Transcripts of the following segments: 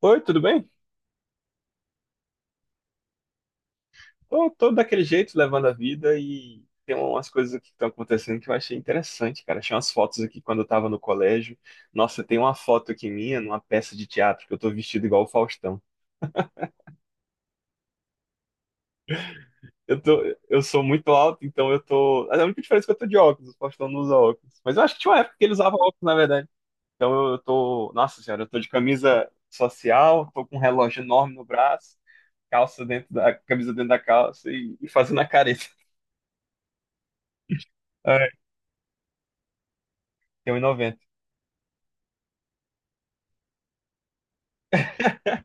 Oi, tudo bem? Tô daquele jeito, levando a vida e tem umas coisas aqui que estão acontecendo que eu achei interessante, cara. Achei umas fotos aqui quando eu tava no colégio. Nossa, tem uma foto aqui minha numa peça de teatro que eu tô vestido igual o Faustão. Eu tô, eu sou muito alto, então eu tô. A única diferença é que eu tô de óculos, o Faustão não usa óculos. Mas eu acho que tinha uma época que ele usava óculos, na verdade. Então eu tô. Nossa senhora, eu tô de camisa social, tô com um relógio enorme no braço, calça dentro da. Camisa dentro da calça e fazendo a careta. É, tem 1,90.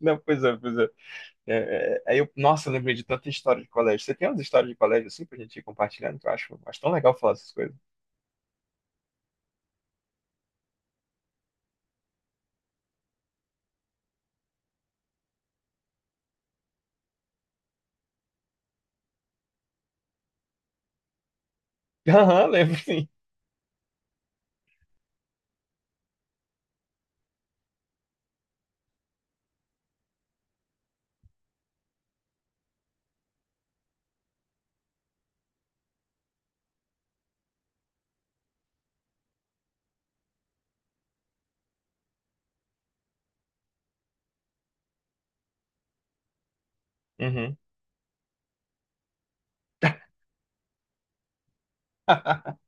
Não, pois é, pois é. É, é, aí eu, nossa, eu lembrei de tanta história de colégio. Você tem umas histórias de colégio assim pra gente ir compartilhando, que eu acho tão legal falar essas coisas. Aham, lembro sim. Uhum.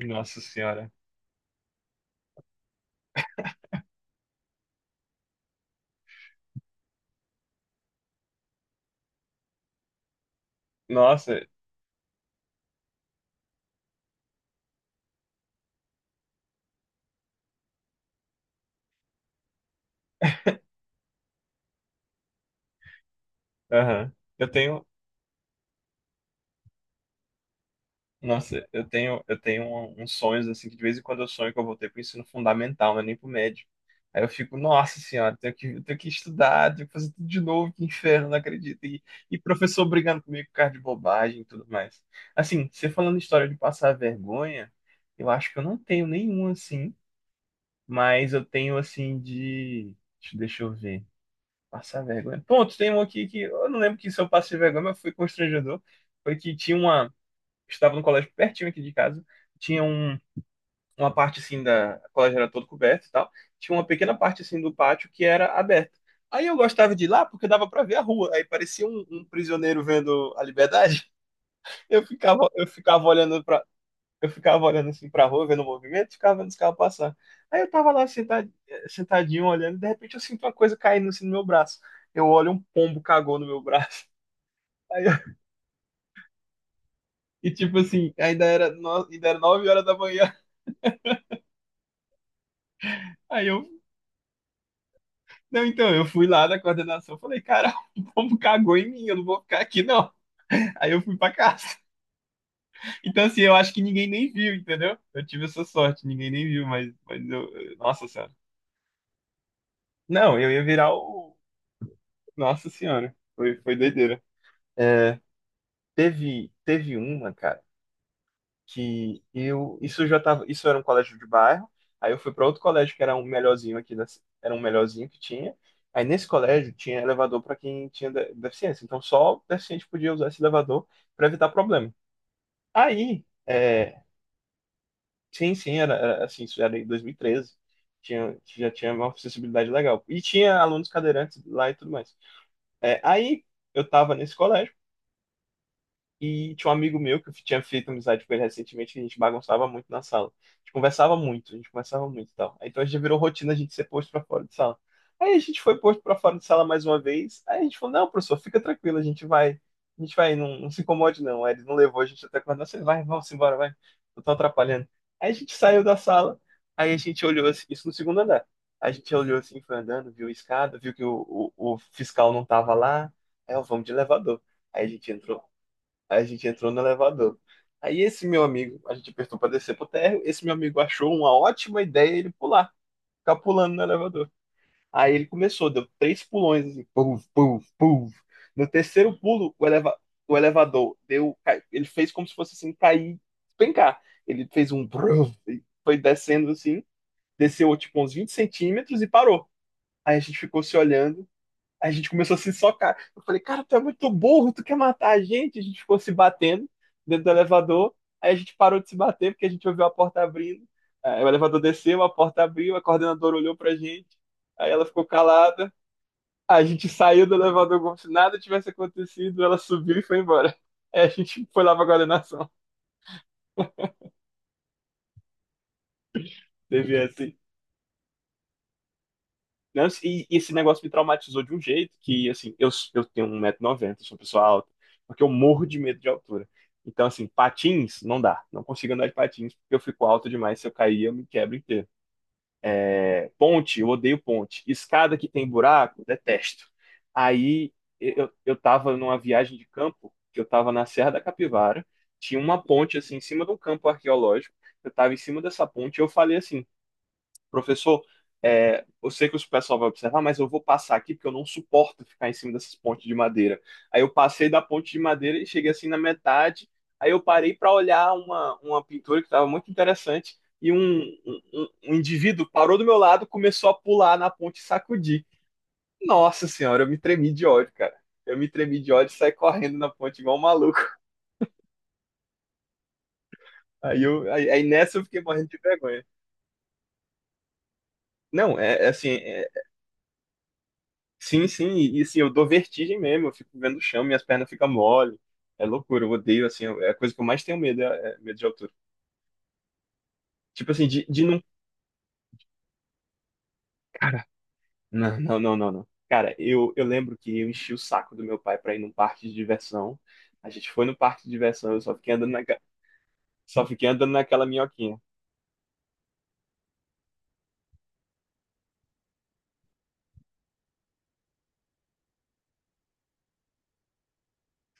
Nossa senhora. Nossa, aham. Eu tenho. Nossa, eu tenho uns sonhos assim que de vez em quando eu sonho que eu voltei pro ensino fundamental, mas nem pro médio. Aí eu fico, nossa senhora, eu tenho que estudar, tenho que fazer tudo de novo, que inferno, não acredito. E, professor brigando comigo por causa de bobagem e tudo mais. Assim, você falando história de passar vergonha, eu acho que eu não tenho nenhum assim, mas eu tenho assim de. Deixa eu ver. Passar vergonha. Ponto, tem um aqui que eu não lembro que se eu passei vergonha, mas foi constrangedor. Foi que tinha uma estudava no colégio pertinho aqui de casa. Tinha um, uma parte assim da. O colégio era todo coberto e tal. Tinha uma pequena parte assim do pátio que era aberta. Aí eu gostava de ir lá porque dava para ver a rua. Aí parecia um, um prisioneiro vendo a liberdade. Eu ficava, eu ficava olhando para eu ficava olhando assim pra rua, vendo o movimento, ficava vendo os carros passar. Aí eu tava lá sentadinho olhando, e de repente eu sinto uma coisa caindo assim no meu braço. Eu olho, um pombo cagou no meu braço. Aí eu- E tipo assim, ainda era, no... ainda era 9 horas da manhã. Aí eu Não, então, eu fui lá da coordenação, falei, cara, o povo cagou em mim, eu não vou ficar aqui, não. Aí eu fui pra casa. Então, assim, eu acho que ninguém nem viu, entendeu? Eu tive essa sorte, ninguém nem viu, mas eu, nossa senhora. Não, eu ia virar o, nossa senhora, foi, foi doideira. É, teve uma, cara. Que eu isso já tava, isso era um colégio de bairro. Aí eu fui para outro colégio que era um melhorzinho aqui era um melhorzinho que tinha. Aí nesse colégio tinha elevador para quem tinha deficiência. Então só o deficiente podia usar esse elevador para evitar problema. Aí, é, sim, sim, era assim, isso era em 2013. Tinha, já tinha uma acessibilidade legal. E tinha alunos cadeirantes lá e tudo mais. É, aí eu tava nesse colégio. E tinha um amigo meu que eu tinha feito amizade com ele recentemente, que a gente bagunçava muito na sala. A gente conversava muito, a gente conversava muito e tal. Aí, então a gente virou rotina a gente ser posto pra fora de sala. Aí a gente foi posto pra fora de sala mais uma vez. Aí a gente falou: não, professor, fica tranquilo, a gente vai, não, não se incomode não. Aí ele não levou a gente até quando, você vai, vamos embora, vai, eu tô atrapalhando. Aí a gente saiu da sala, aí a gente olhou assim, isso no segundo andar. A gente olhou assim, foi andando, viu a escada, viu que o fiscal não tava lá. Aí, ó, vamos de elevador. Aí a gente entrou Aí a gente entrou no elevador. Aí esse meu amigo, a gente apertou para descer pro térreo, esse meu amigo achou uma ótima ideia ele pular, ficar pulando no elevador. Aí ele começou, deu três pulões, assim, puf, puf, puf. No terceiro pulo, o elevador deu, ele fez como se fosse assim, cair, pencar. Ele fez um bruf, e foi descendo assim, desceu tipo uns 20 centímetros e parou. Aí a gente ficou se olhando. A gente começou a se socar. Eu falei, cara, tu é muito burro, tu quer matar a gente? A gente ficou se batendo dentro do elevador. Aí a gente parou de se bater porque a gente ouviu a porta abrindo. Aí o elevador desceu, a porta abriu, a coordenadora olhou pra gente. Aí ela ficou calada. A gente saiu do elevador como se nada tivesse acontecido. Ela subiu e foi embora. Aí a gente foi lá pra coordenação. Teve assim. Né? E, esse negócio me traumatizou de um jeito que, assim, eu tenho um 190 noventa sou uma pessoa alta, porque eu morro de medo de altura. Então, assim, patins não dá. Não consigo andar de patins porque eu fico alto demais. Se eu cair, eu me quebro inteiro. É, ponte, eu odeio ponte. Escada que tem buraco, detesto. Aí eu tava numa viagem de campo, que eu tava na Serra da Capivara, tinha uma ponte assim em cima de um campo arqueológico. Eu tava em cima dessa ponte, e eu falei assim: professor, é, eu sei que o pessoal vai observar, mas eu vou passar aqui porque eu não suporto ficar em cima dessas pontes de madeira. Aí eu passei da ponte de madeira e cheguei assim na metade. Aí eu parei para olhar uma pintura que estava muito interessante e um um indivíduo parou do meu lado, começou a pular na ponte e sacudir. Nossa senhora, eu me tremi de ódio, cara. Eu me tremi de ódio e saí correndo na ponte igual um maluco. Aí nessa eu fiquei morrendo de vergonha. Não, é assim, é, sim, sim, e, assim, eu dou vertigem mesmo, eu fico vendo o chão, minhas pernas ficam mole, é loucura, eu odeio, assim, é a coisa que eu mais tenho medo, é medo de altura. Tipo assim, de não... Cara, não, não, não, não, não. Cara, eu lembro que eu enchi o saco do meu pai pra ir num parque de diversão, a gente foi no parque de diversão, eu só fiquei andando, só fiquei andando naquela minhoquinha,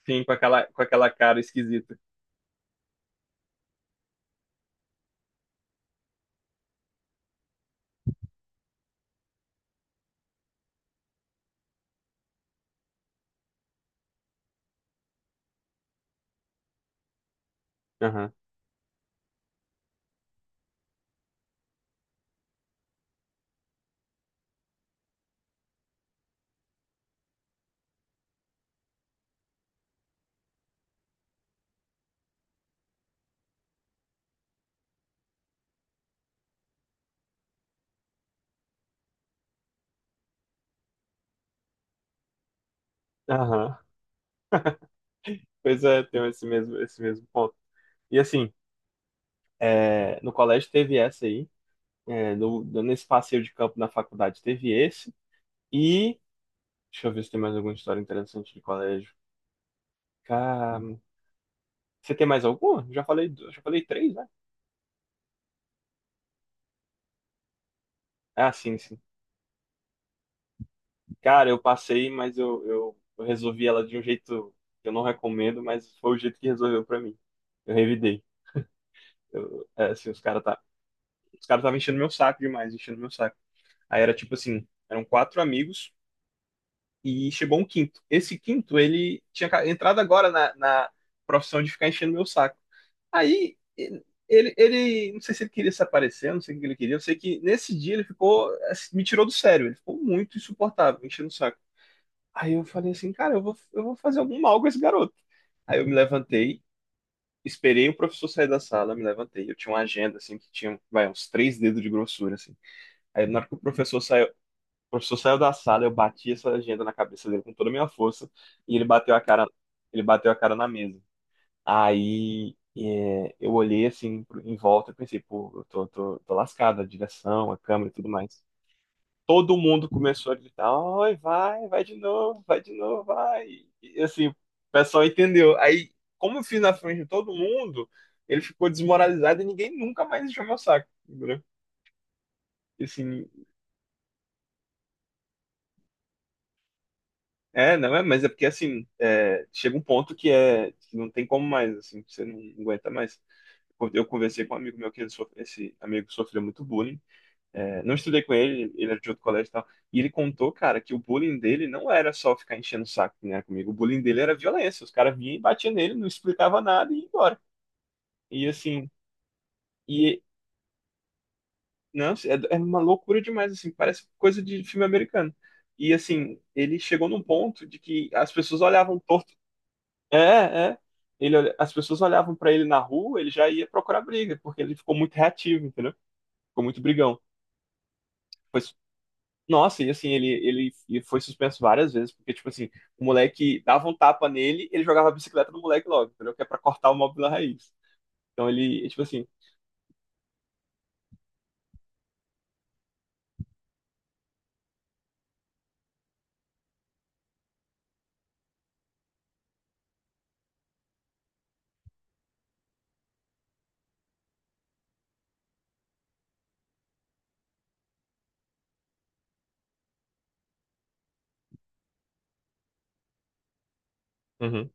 sim, com aquela cara esquisita. Aham, aham, pois é, tem esse mesmo ponto. E assim, no colégio teve essa aí. É, nesse passeio de campo na faculdade teve esse. E deixa eu ver se tem mais alguma história interessante de colégio. Cara, você tem mais alguma? Já falei, já falei três, né? Ah, sim, sim. Cara, eu passei, mas eu resolvi ela de um jeito que eu não recomendo, mas foi o jeito que resolveu pra mim. Eu revidei. Eu, é, assim, os cara estavam enchendo meu saco demais, enchendo meu saco. Aí era tipo assim, eram quatro amigos. E chegou um quinto. Esse quinto, ele tinha entrado agora na profissão de ficar enchendo meu saco. Aí, ele, não sei se ele queria se aparecer, não sei o que ele queria, eu sei que nesse dia ele ficou, assim, me tirou do sério, ele ficou muito insuportável, enchendo o saco. Aí eu falei assim, cara, eu vou fazer algum mal com esse garoto. Aí eu me levantei, esperei o professor sair da sala, me levantei, eu tinha uma agenda, assim, que tinha, vai, uns três dedos de grossura, assim. Aí na hora que o professor saiu, da sala, eu bati essa agenda na cabeça dele com toda a minha força e ele bateu a cara, ele bateu a cara na mesa. Aí é, eu olhei assim em volta e pensei, pô, eu tô lascado, a direção, a câmera e tudo mais. Todo mundo começou a gritar, oi, vai, vai de novo, vai de novo, vai. E assim, o pessoal entendeu. Aí, como eu fiz na frente de todo mundo, ele ficou desmoralizado e ninguém nunca mais encheu meu saco, entendeu? E, assim, é, não é, mas é porque assim, é, chega um ponto que é que não tem como mais, assim, você não aguenta mais. Eu conversei com um amigo meu que ele sofre, esse amigo sofreu muito bullying. É, não estudei com ele, ele era de outro colégio e tal. E ele contou, cara, que o bullying dele não era só ficar enchendo o saco, né, comigo. O bullying dele era violência. Os caras vinham e batiam nele, não explicava nada e ia embora. E assim, e não, é, é uma loucura demais, assim, parece coisa de filme americano. E assim, ele chegou num ponto de que as pessoas olhavam torto. É, é. Ele, as pessoas olhavam pra ele na rua, ele já ia procurar briga, porque ele ficou muito reativo, entendeu? Ficou muito brigão. Foi, nossa, e assim, ele, e foi suspenso várias vezes, porque, tipo assim, o moleque dava um tapa nele, ele jogava a bicicleta no moleque logo, entendeu? Que é pra cortar o mal pela raiz. Então ele, tipo assim. Uhum,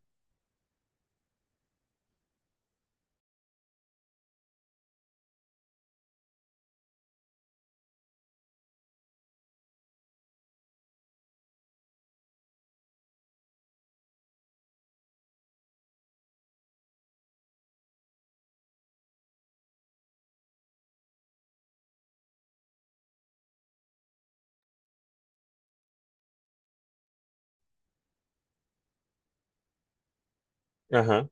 aham,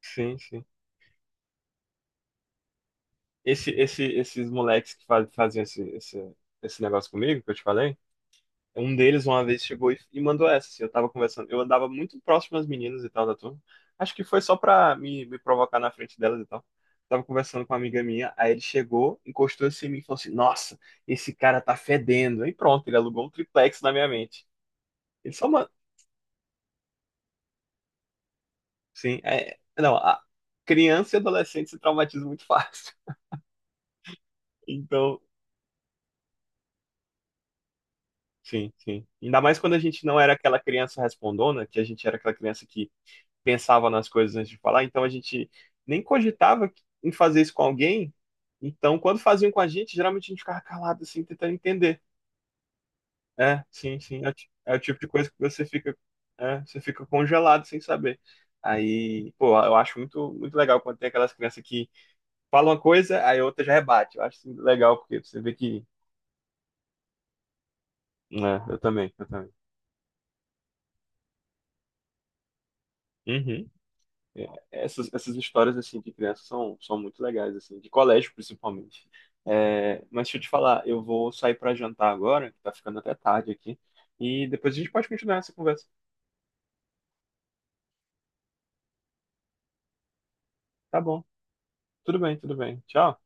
sim, sim. Esses moleques que faziam esse negócio comigo, que eu te falei. Um deles uma vez chegou e mandou essa, assim, eu tava conversando, eu andava muito próximo às meninas e tal da turma, acho que foi só pra me provocar na frente delas e tal. Tava conversando com uma amiga minha, aí ele chegou, encostou assim em mim e falou assim, nossa, esse cara tá fedendo. E pronto, ele alugou um triplex na minha mente. Ele só manda, sim, é, não, a criança e adolescente se traumatizam muito fácil. Então, sim, sim. Ainda mais quando a gente não era aquela criança respondona, que a gente era aquela criança que pensava nas coisas antes de falar, então a gente nem cogitava em fazer isso com alguém. Então, quando faziam com a gente, geralmente a gente ficava calado, assim, tentando entender. É, sim, sim. É, o é o tipo de coisa que você fica, você fica congelado sem saber. Aí, pô, eu acho muito, muito legal quando tem aquelas crianças que falam uma coisa, aí a outra já rebate. Eu acho isso legal, porque você vê que. É, eu também, eu também. Uhum. É, essas, essas histórias assim de criança são, são muito legais assim, de colégio principalmente. É, mas deixa eu te falar, eu vou sair para jantar agora, que tá ficando até tarde aqui, e depois a gente pode continuar essa conversa. Tá bom. Tudo bem, tudo bem. Tchau.